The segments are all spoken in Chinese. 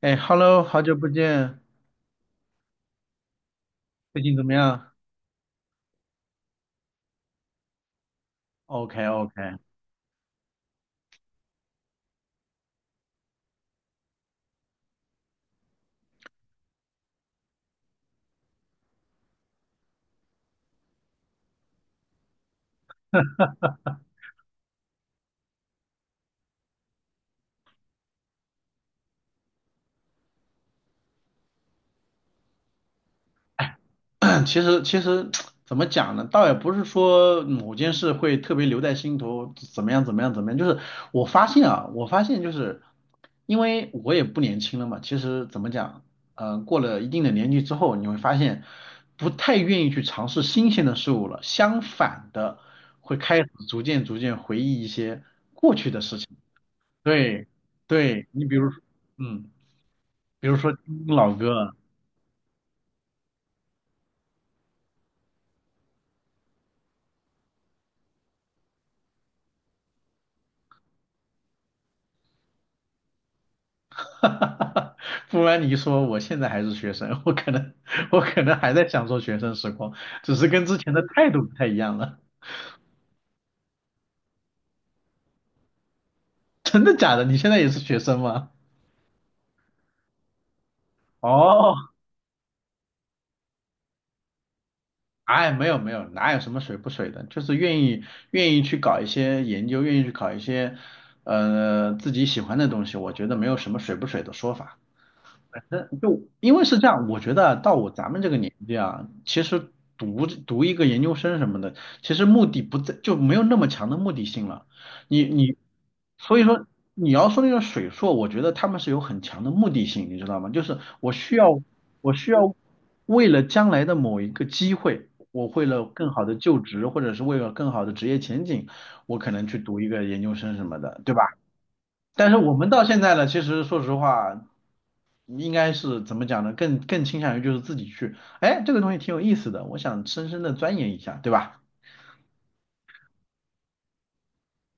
哎，Hello，好久不见，最近怎么样？OK，OK 其实怎么讲呢？倒也不是说某件事会特别留在心头，怎么样怎么样怎么样。就是我发现啊，我发现就是因为我也不年轻了嘛，其实怎么讲，嗯，过了一定的年纪之后，你会发现不太愿意去尝试新鲜的事物了，相反的会开始逐渐回忆一些，对对，你比如说，嗯，比如说听老歌。哈哈哈哈不然你一说，我现在还是学生，我可能还在享受学生时光，只是跟之前的态度不太一样了。真的假的？你现在也是学生吗？哦，哎，没有没有，哪有什么水不水的，就是愿意去搞一些研究，愿意去搞一些自己喜欢的东西，我觉得没有什么水不水的说法。那就因为是这样，我觉得啊到我咱们这个年纪啊，其实读一个研究生什么的，其实目的不在，就没有那么强的目的性了。你你，所以说你要说那个水硕，我觉得他们是有很强的目的性，你知道吗？就是我需要为了将来的某一个机会，我为了更好的就职，或者是为了更好的职业前景，我可能去读一个研究生什么的，对吧？但是我们到现在呢，其实说实话，应该是怎么讲呢？更倾向于就是自己去，哎，这个东西挺有意思的，我想深深的钻研一下，对吧？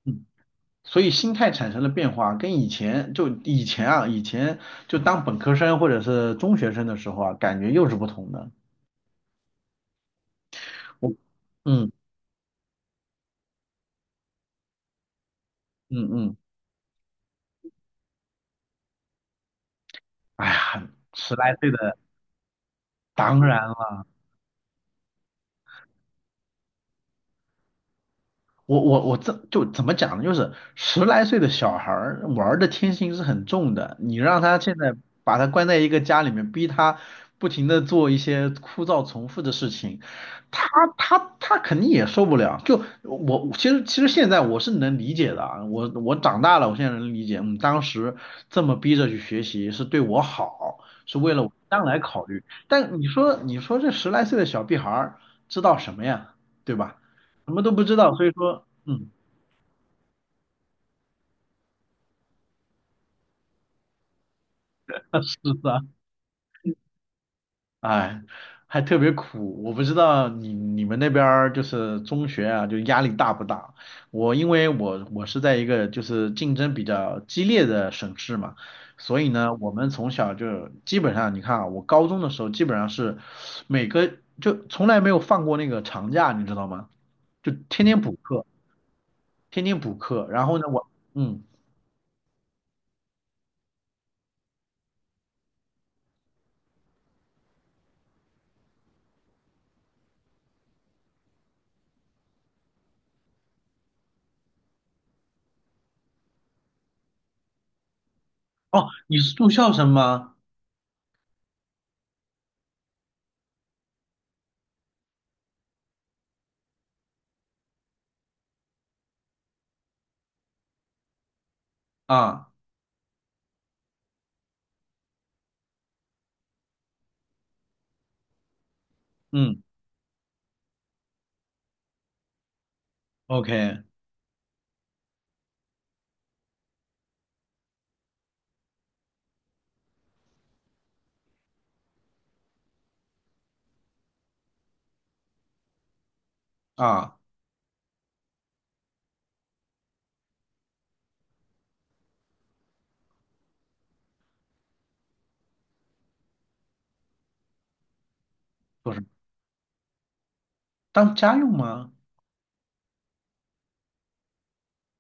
嗯，所以心态产生了变化，跟以前就以前啊，以前就当本科生或者是中学生的时候啊，感觉又是不同的。我，嗯嗯嗯，哎呀，十来岁的，当然我这就怎么讲呢？就是十来岁的小孩儿玩儿的天性是很重的，你让他现在把他关在一个家里面，逼他不停的做一些枯燥重复的事情，他他肯定也受不了。就我其实现在我是能理解的啊，我长大了，我现在能理解，嗯，当时这么逼着去学习是对我好，是为了我将来考虑。但你说这十来岁的小屁孩儿知道什么呀？对吧？什么都不知道，所以说，嗯，是的，哎，还特别苦。我不知道你们那边儿就是中学啊，就压力大不大？我因为我是在一个就是竞争比较激烈的省市嘛，所以呢，我们从小就基本上，你看啊，我高中的时候基本上是每个就从来没有放过那个长假，你知道吗？就天天补课，天天补课。然后呢，我嗯，哦，你是住校生吗？啊，嗯，OK。啊，做什么？当家用吗？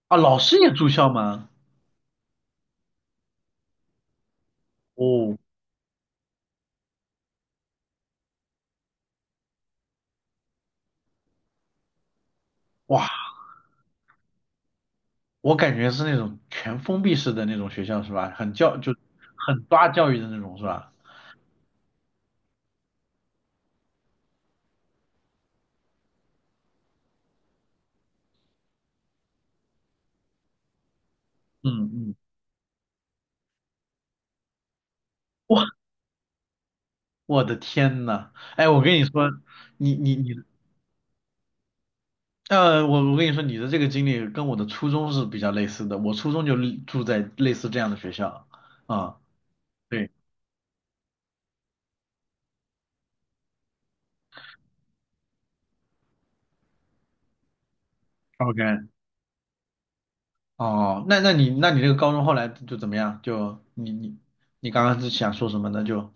啊，老师也住校吗？哦，哇，我感觉是那种全封闭式的那种学校是吧？很教就很抓教育的那种是吧？嗯嗯，哇，我的天呐！哎，我跟你说，你你你，呃，我我跟你说，你的这个经历跟我的初中是比较类似的。我初中就住在类似这样的学校啊，对，OK，哦，那你这个高中后来就怎么样？就你刚刚是想说什么呢？就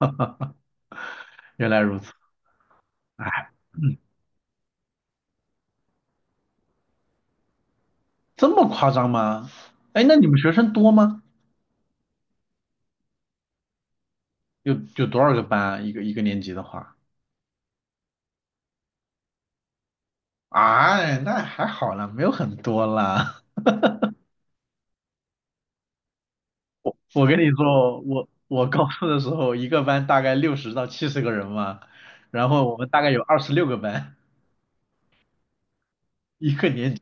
原来如此。哎，这么夸张吗？哎，那你们学生多吗？有有多少个班啊？一个一个年级的话，哎，那还好啦，没有很多啦。我跟你说，我我高中的时候，一个班大概60到70个人嘛，然后我们大概有二十六个班，一个年级。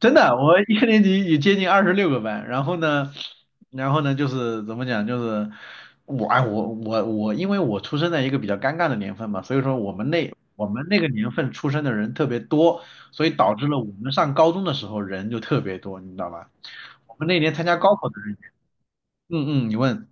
真的，我一个年级也接近二十六个班，然后呢，然后呢，就是怎么讲，就是我，哎，我，因为我出生在一个比较尴尬的年份嘛，所以说我们那个年份出生的人特别多，所以导致了我们上高中的时候人就特别多，你知道吧？我们那年参加高考的人，嗯嗯，你问，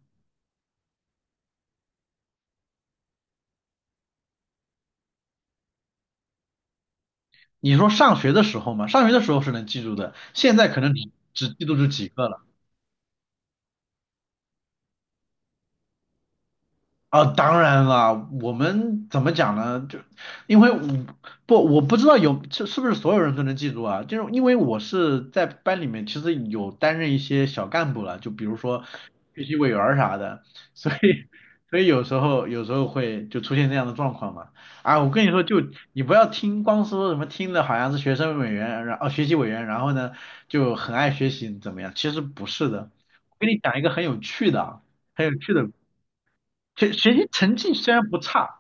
你说上学的时候嘛，上学的时候是能记住的，现在可能只记住这几个了。啊，当然了，我们怎么讲呢？就因为我不知道有是不是所有人都能记住啊？就是因为我是在班里面其实有担任一些小干部了，就比如说学习委员儿啥的，所以所以有时候会就出现这样的状况嘛。啊，我跟你说，就你不要听光说什么听的好像是学生委员，然后哦学习委员，然后呢就很爱学习怎么样？其实不是的，我跟你讲一个很有趣的啊，很有趣的。学学习成绩虽然不差，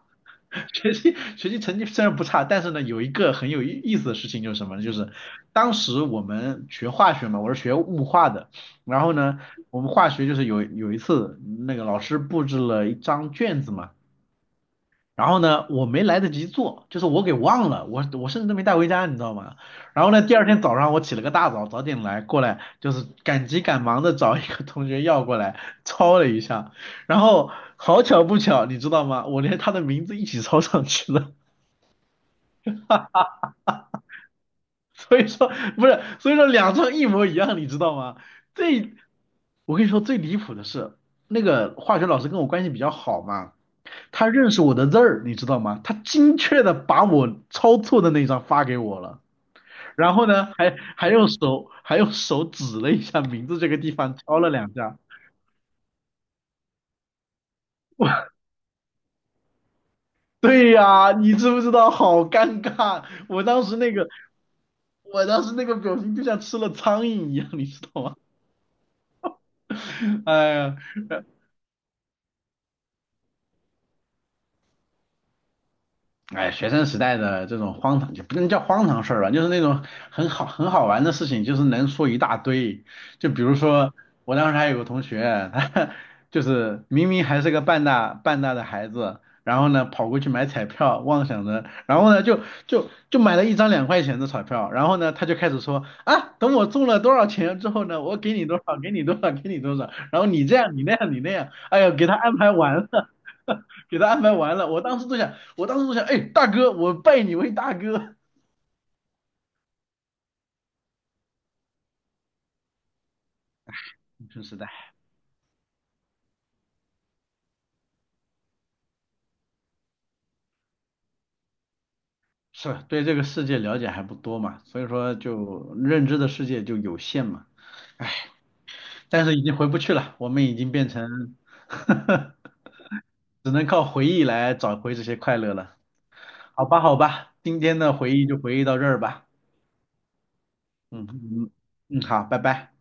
学习成绩虽然不差，但是呢，有一个很有意意思的事情就是什么呢？就是当时我们学化学嘛，我是学物化的，然后呢，我们化学就是有一次那个老师布置了一张卷子嘛，然后呢，我没来得及做，就是我给忘了，我甚至都没带回家，你知道吗？然后呢，第二天早上我起了个大早，早点来过来，就是赶急赶忙的找一个同学要过来抄了一下，然后好巧不巧，你知道吗？我连他的名字一起抄上去了，所以说不是，所以说两张一模一样，你知道吗？最我跟你说最离谱的是，那个化学老师跟我关系比较好嘛。他认识我的字儿，你知道吗？他精确的把我抄错的那一张发给我了，然后呢，还用手指了一下名字这个地方，敲了两下。我对呀，你知不知道？好尴尬！我当时那个，我当时那个表情就像吃了苍蝇一样，你知道吗？哎呀，呃哎，学生时代的这种荒唐就不能叫荒唐事儿吧，就是那种很好玩的事情，就是能说一大堆。就比如说，我当时还有个同学，他 就是明明还是个半大半大的孩子，然后呢跑过去买彩票，妄想着，然后呢就买了一张2块钱的彩票，然后呢他就开始说啊，等我中了多少钱之后呢，我给你多少，给你多少，给你多少，然后你这样你那样你那样，哎呦，给他安排完了。给他安排完了，我当时都想，我当时就想，哎，大哥，我拜你为大哥。是生时代是对这个世界了解还不多嘛，所以说就认知的世界就有限嘛。但是已经回不去了，我们已经变成 只能靠回忆来找回这些快乐了。好吧，好吧，今天的回忆就回忆到这儿吧。嗯嗯嗯，好，拜拜。